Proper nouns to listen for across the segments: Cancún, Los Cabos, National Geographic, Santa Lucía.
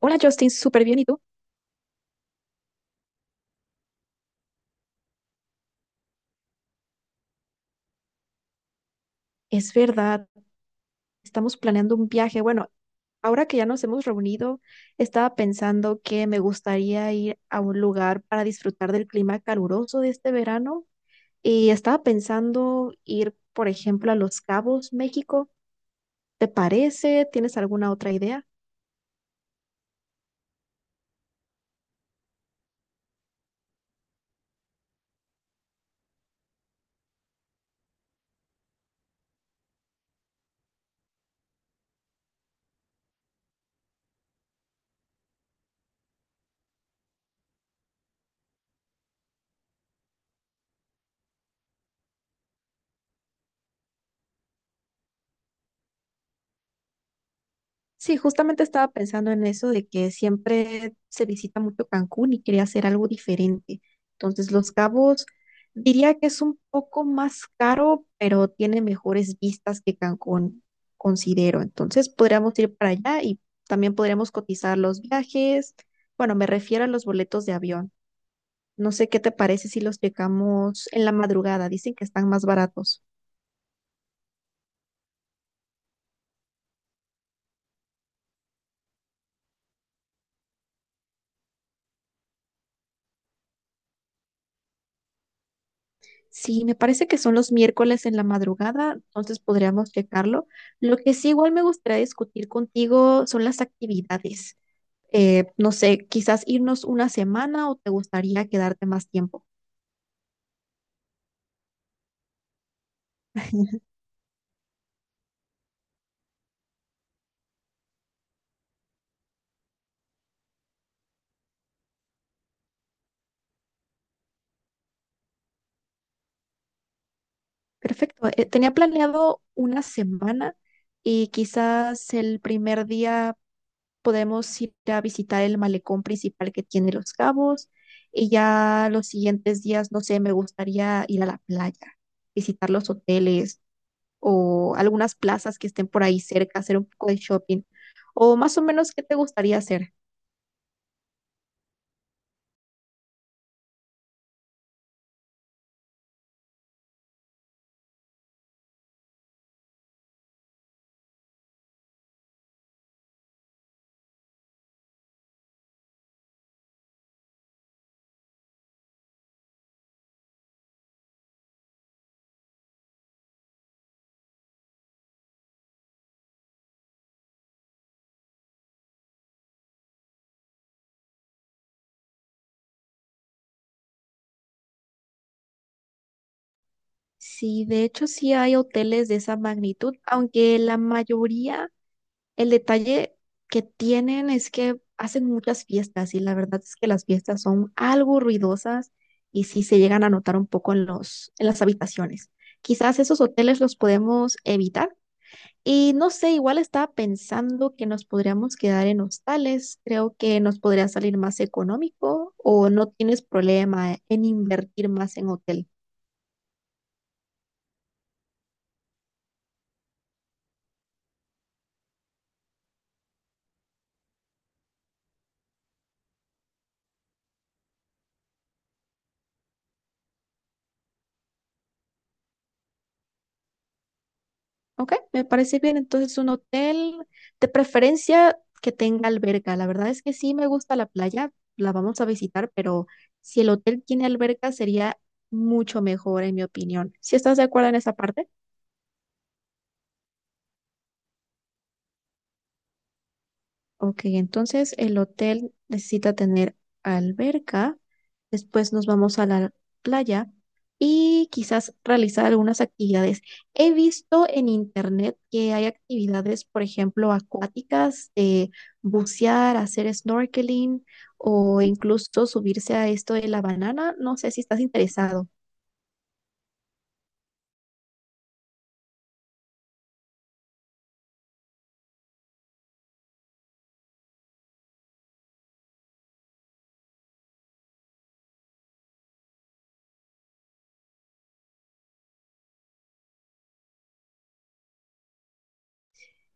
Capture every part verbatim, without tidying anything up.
Hola Justin, súper bien. ¿Y tú? Es verdad, estamos planeando un viaje. Bueno, ahora que ya nos hemos reunido, estaba pensando que me gustaría ir a un lugar para disfrutar del clima caluroso de este verano y estaba pensando ir, por ejemplo, a Los Cabos, México. ¿Te parece? ¿Tienes alguna otra idea? Sí, justamente estaba pensando en eso de que siempre se visita mucho Cancún y quería hacer algo diferente. Entonces, Los Cabos diría que es un poco más caro, pero tiene mejores vistas que Cancún, considero. Entonces, podríamos ir para allá y también podríamos cotizar los viajes. Bueno, me refiero a los boletos de avión. No sé qué te parece si los checamos en la madrugada. Dicen que están más baratos. Sí, me parece que son los miércoles en la madrugada, entonces podríamos checarlo. Lo que sí igual me gustaría discutir contigo son las actividades. Eh, no sé, quizás irnos una semana o te gustaría quedarte más tiempo. Perfecto. Eh, tenía planeado una semana y quizás el primer día podemos ir a visitar el malecón principal que tiene Los Cabos y ya los siguientes días, no sé, me gustaría ir a la playa, visitar los hoteles o algunas plazas que estén por ahí cerca, hacer un poco de shopping. O más o menos, ¿qué te gustaría hacer? Sí, de hecho sí hay hoteles de esa magnitud, aunque la mayoría, el detalle que tienen es que hacen muchas fiestas y la verdad es que las fiestas son algo ruidosas y sí se llegan a notar un poco en los, en las habitaciones. Quizás esos hoteles los podemos evitar. Y no sé, igual estaba pensando que nos podríamos quedar en hostales. Creo que nos podría salir más económico o no tienes problema en invertir más en hotel. Ok, me parece bien. Entonces, un hotel de preferencia que tenga alberca. La verdad es que sí me gusta la playa, la vamos a visitar, pero si el hotel tiene alberca sería mucho mejor, en mi opinión. ¿Si estás de acuerdo en esa parte? Ok, entonces el hotel necesita tener alberca, después nos vamos a la playa y quizás realizar algunas actividades. He visto en internet que hay actividades, por ejemplo, acuáticas, de bucear, hacer snorkeling o incluso subirse a esto de la banana. No sé si estás interesado.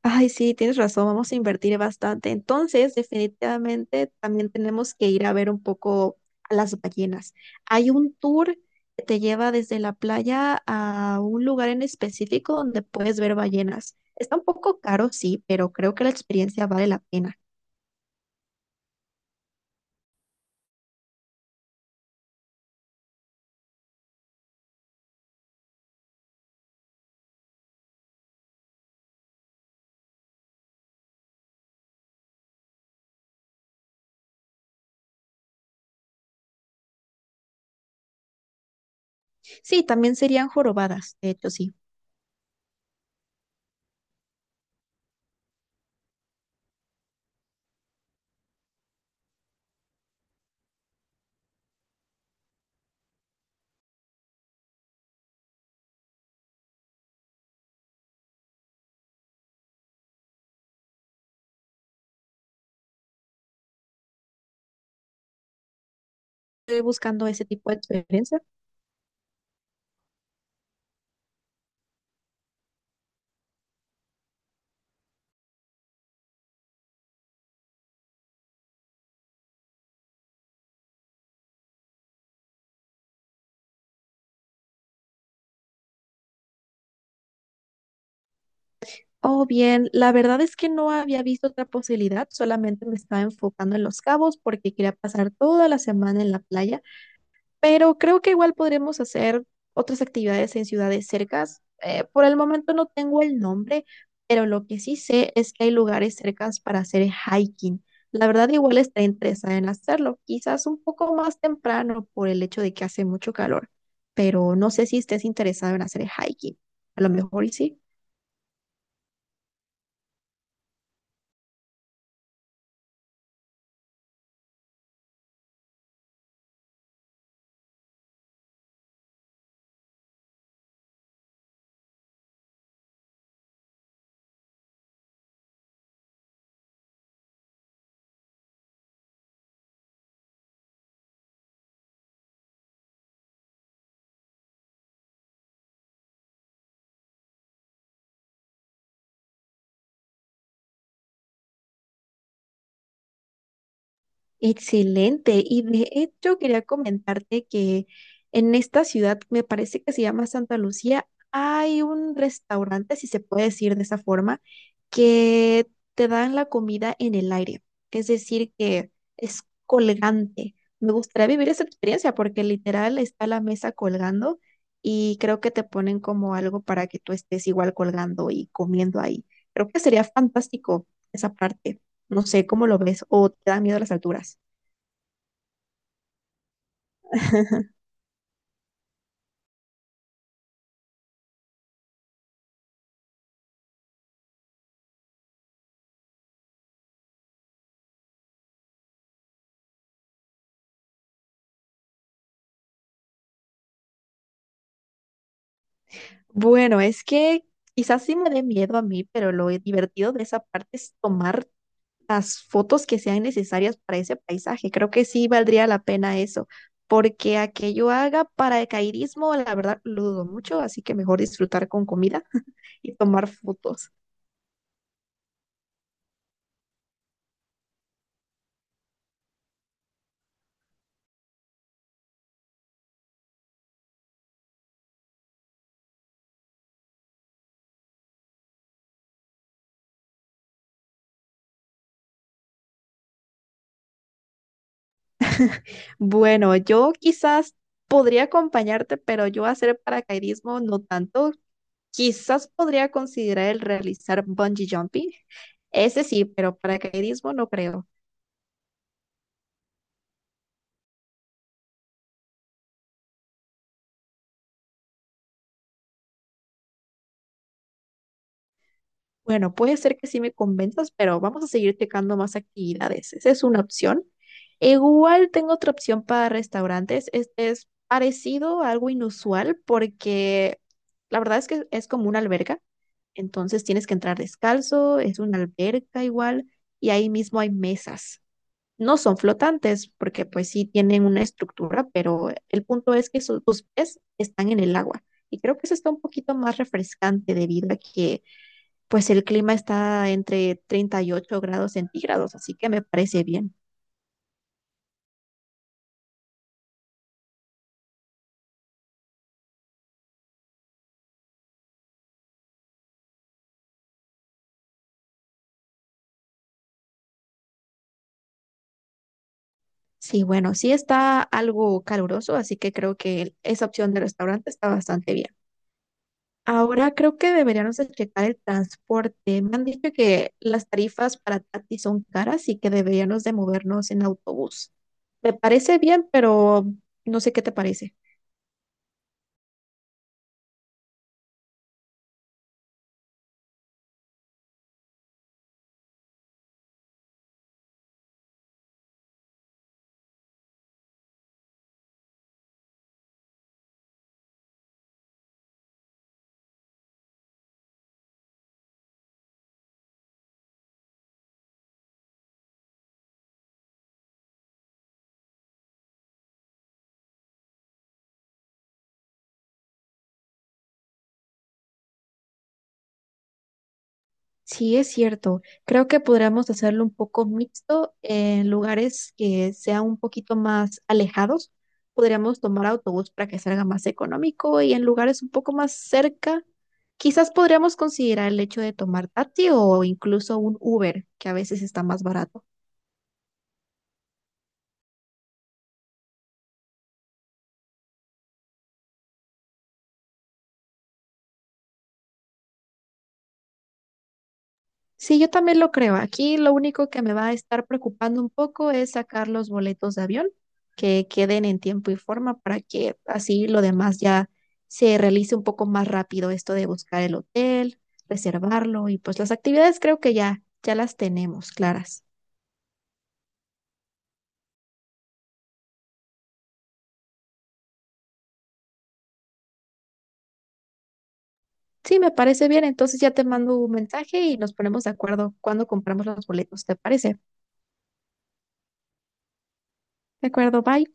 Ay, sí, tienes razón, vamos a invertir bastante. Entonces, definitivamente también tenemos que ir a ver un poco a las ballenas. Hay un tour que te lleva desde la playa a un lugar en específico donde puedes ver ballenas. Está un poco caro, sí, pero creo que la experiencia vale la pena. Sí, también serían jorobadas, de hecho, sí. Estoy buscando ese tipo de experiencia. Oh, bien, la verdad es que no había visto otra posibilidad, solamente me estaba enfocando en Los Cabos porque quería pasar toda la semana en la playa pero creo que igual podremos hacer otras actividades en ciudades cercas. Eh, por el momento no tengo el nombre, pero lo que sí sé es que hay lugares cercas para hacer hiking. La verdad, igual estaré interesada en hacerlo, quizás un poco más temprano por el hecho de que hace mucho calor, pero no sé si estés interesado en hacer hiking. A lo mejor y sí. Excelente. Y de hecho quería comentarte que en esta ciudad, me parece que se llama Santa Lucía, hay un restaurante, si se puede decir de esa forma, que te dan la comida en el aire. Es decir, que es colgante. Me gustaría vivir esa experiencia porque literal está la mesa colgando y creo que te ponen como algo para que tú estés igual colgando y comiendo ahí. Creo que sería fantástico esa parte. No sé cómo lo ves o te da miedo las alturas. Bueno, es que quizás sí me dé miedo a mí, pero lo divertido de esa parte es tomar las fotos que sean necesarias para ese paisaje. Creo que sí valdría la pena eso, porque a que yo haga paracaidismo, la verdad lo dudo mucho, así que mejor disfrutar con comida y tomar fotos. Bueno, yo quizás podría acompañarte, pero yo hacer paracaidismo no tanto. Quizás podría considerar el realizar bungee jumping. Ese sí, pero paracaidismo no creo. Bueno, puede ser que sí me convenzas, pero vamos a seguir checando más actividades. Esa es una opción. Igual tengo otra opción para restaurantes. Este es parecido a algo inusual porque la verdad es que es como una alberga. Entonces tienes que entrar descalzo, es una alberca igual y ahí mismo hay mesas. No son flotantes porque pues sí tienen una estructura, pero el punto es que su- tus pies están en el agua. Y creo que eso está un poquito más refrescante debido a que pues el clima está entre treinta y ocho grados centígrados, así que me parece bien. Sí, bueno, sí está algo caluroso, así que creo que esa opción de restaurante está bastante bien. Ahora creo que deberíamos de checar el transporte. Me han dicho que las tarifas para Tati son caras y que deberíamos de movernos en autobús. Me parece bien, pero no sé qué te parece. Sí, es cierto. Creo que podríamos hacerlo un poco mixto en lugares que sean un poquito más alejados. Podríamos tomar autobús para que salga más económico y en lugares un poco más cerca, quizás podríamos considerar el hecho de tomar taxi o incluso un Uber, que a veces está más barato. Sí, yo también lo creo. Aquí lo único que me va a estar preocupando un poco es sacar los boletos de avión que queden en tiempo y forma para que así lo demás ya se realice un poco más rápido esto de buscar el hotel, reservarlo y pues las actividades creo que ya ya las tenemos claras. Sí, me parece bien. Entonces ya te mando un mensaje y nos ponemos de acuerdo cuando compramos los boletos. ¿Te parece? De acuerdo, bye.